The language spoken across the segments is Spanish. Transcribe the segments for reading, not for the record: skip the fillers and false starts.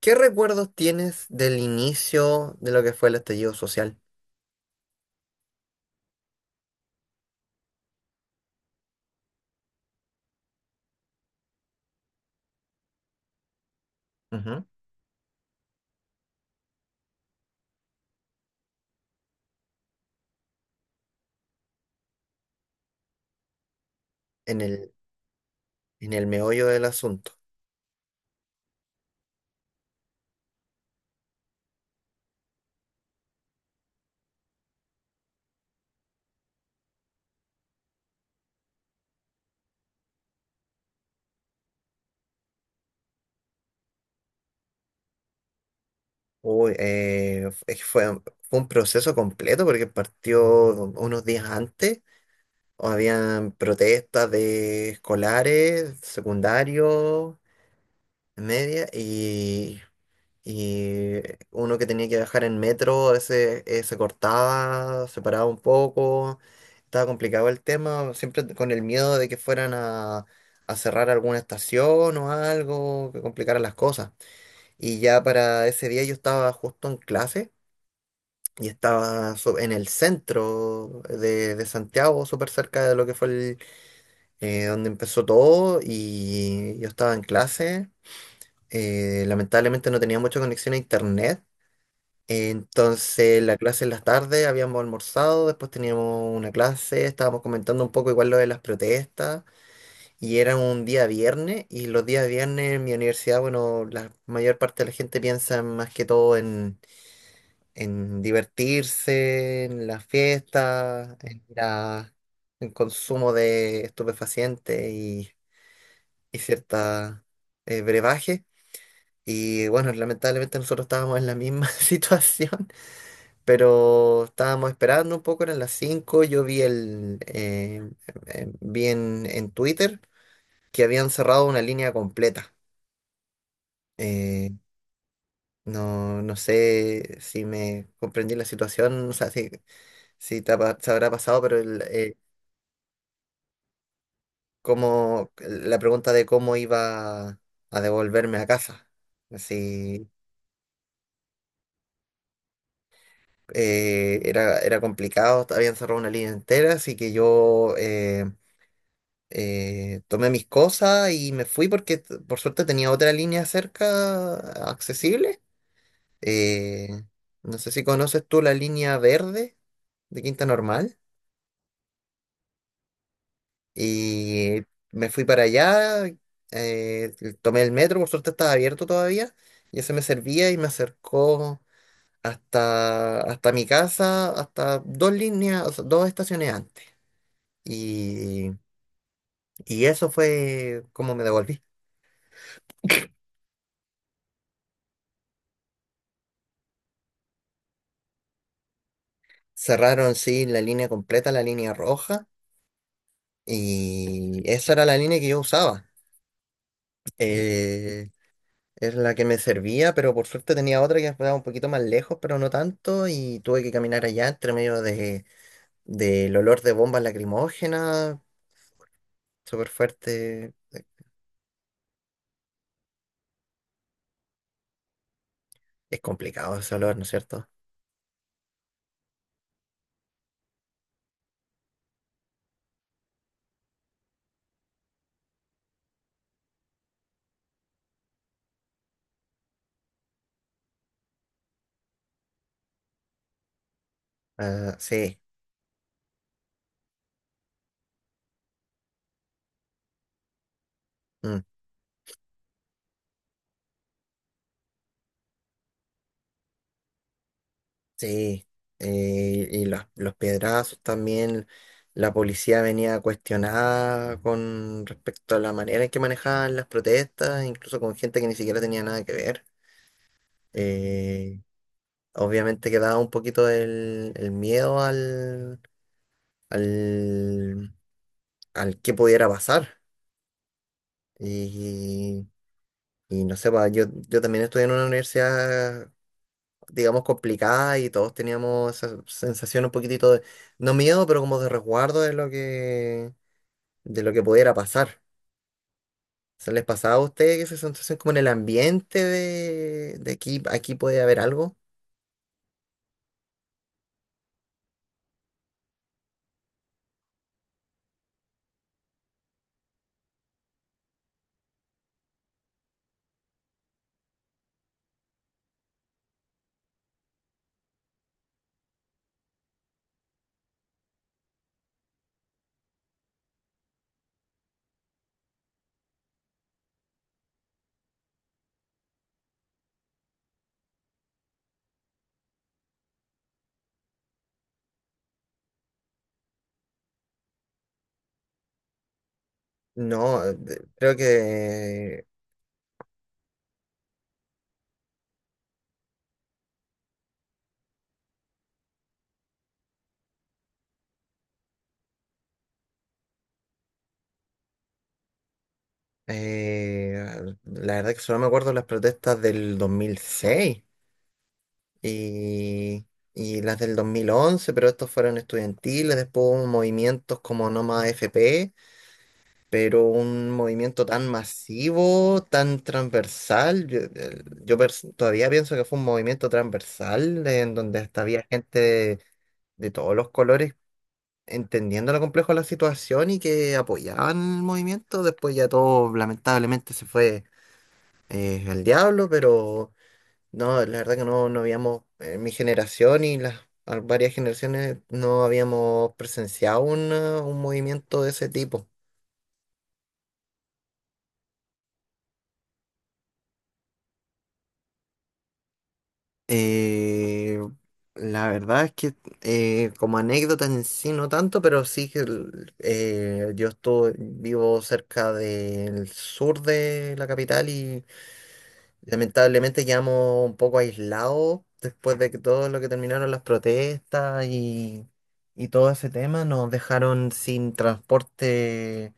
¿Qué recuerdos tienes del inicio de lo que fue el estallido social? Ujú. En el, en el meollo del asunto. Es que fue un proceso completo porque partió unos días antes. Habían protestas de escolares, secundarios, media. Y Y uno que tenía que viajar en metro, se cortaba, se paraba un poco, estaba complicado el tema, siempre con el miedo de que fueran a cerrar alguna estación o algo, que complicaran las cosas. Y ya para ese día yo estaba justo en clase y en el centro de Santiago, súper cerca de lo que fue donde empezó todo, y yo estaba en clase. Lamentablemente no tenía mucha conexión a internet, entonces la clase en las tardes, habíamos almorzado, después teníamos una clase, estábamos comentando un poco igual lo de las protestas, y era un día viernes, y los días viernes en mi universidad, bueno, la mayor parte de la gente piensa más que todo en divertirse, en las fiestas, en ir en consumo de estupefacientes y cierta brebaje. Y bueno, lamentablemente nosotros estábamos en la misma situación, pero estábamos esperando un poco, eran las cinco. Yo vi el vi en Twitter que habían cerrado una línea completa. Eh, no sé si me comprendí la situación, o sea, si se habrá pasado, pero la pregunta de cómo iba a devolverme a casa. Si era complicado, habían cerrado una línea entera, así que yo tomé mis cosas y me fui porque por suerte tenía otra línea cerca, accesible. Eh, no sé si conoces tú la línea verde de Quinta Normal. Y me fui para allá, eh, tomé el metro, por suerte estaba abierto todavía, y ese me servía y me acercó hasta, hasta mi casa, hasta dos líneas, o sea, dos estaciones antes. Y, y eso fue como me devolví. Cerraron, sí, la línea completa, la línea roja, y esa era la línea que yo usaba. Eh, es la que me servía, pero por suerte tenía otra que estaba un poquito más lejos, pero no tanto, y tuve que caminar allá entre medio de, del olor de bombas lacrimógenas, súper fuerte. Es complicado ese olor, ¿no es cierto? Ah, sí. Mm. Sí, y los piedrazos también, la policía venía cuestionada con respecto a la manera en que manejaban las protestas, incluso con gente que ni siquiera tenía nada que ver. Eh, Obviamente quedaba un poquito el miedo al, al que pudiera pasar. Y, y no sé, pa, yo también estudié en una universidad, digamos, complicada, y todos teníamos esa sensación un poquitito de, no miedo, pero como de resguardo de lo que pudiera pasar. ¿Se les pasaba a ustedes esa sensación como en el ambiente de aquí, aquí puede haber algo? No, creo que eh, la verdad que solo me acuerdo de las protestas del 2006 y, y las del 2011, pero estos fueron estudiantiles. Después hubo movimientos como No Más AFP, pero un movimiento tan masivo, tan transversal, yo, el- yo pers- todavía pienso que fue un movimiento transversal en donde hasta había gente de todos los colores entendiendo lo complejo de la situación y que apoyaban el movimiento. Después ya todo lamentablemente se fue al diablo, pero no, la verdad que no, no habíamos, en mi generación y las varias generaciones no habíamos presenciado un movimiento de ese tipo. Eh, la verdad es que, como anécdota en sí no tanto, pero sí que yo estoy, vivo cerca del sur de la capital, y lamentablemente quedamos un poco aislados después de que todo lo que terminaron las protestas y todo ese tema nos dejaron sin transporte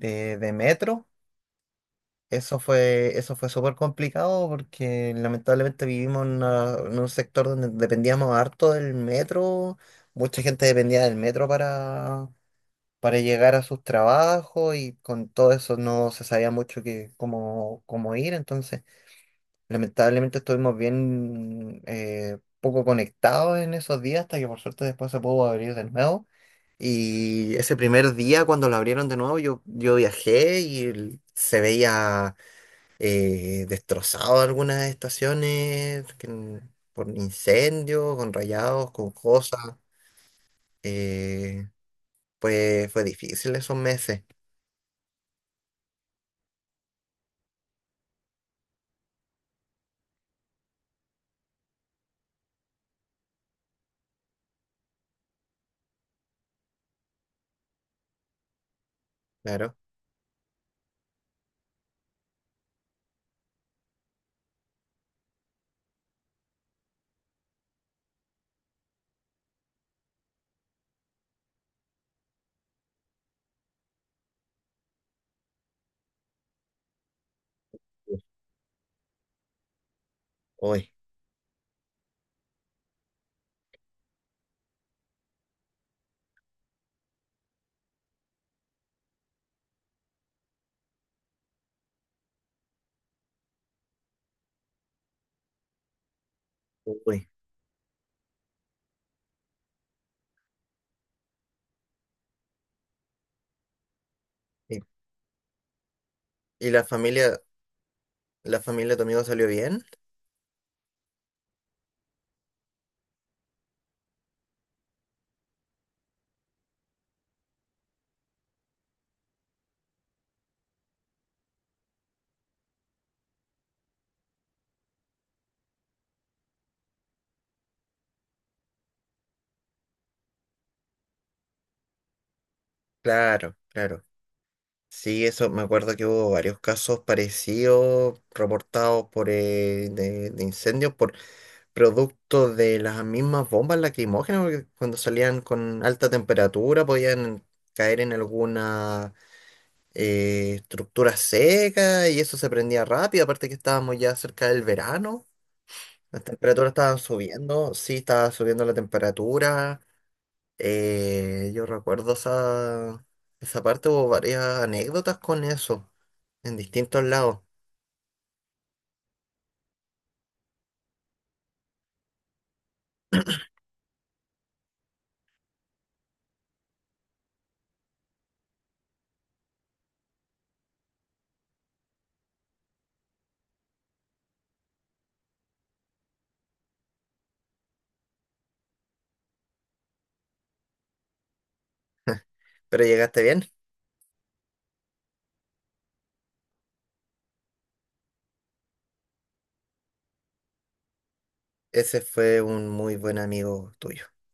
de metro. Eso fue súper complicado, porque lamentablemente vivimos en un sector donde dependíamos harto del metro, mucha gente dependía del metro para llegar a sus trabajos, y con todo eso no se sabía mucho que, cómo, cómo ir, entonces lamentablemente estuvimos bien poco conectados en esos días hasta que por suerte después se pudo abrir de nuevo. Y ese primer día cuando lo abrieron de nuevo yo, yo viajé y se veía destrozado algunas estaciones por incendios, con rayados, con cosas. eh, pues fue difícil esos meses, claro. Uy, uy. ¿Y, y la familia de tu amigo salió bien? Claro, claro. Sí, eso me acuerdo que hubo varios casos parecidos reportados por de incendios por producto de las mismas bombas lacrimógenas, porque cuando salían con alta temperatura podían caer en alguna estructura seca y eso se prendía rápido, aparte que estábamos ya cerca del verano, las temperaturas estaban subiendo, sí, estaba subiendo la temperatura. Yo recuerdo esa, esa parte, hubo varias anécdotas con eso en distintos lados. Pero llegaste bien, ese fue un muy buen amigo tuyo.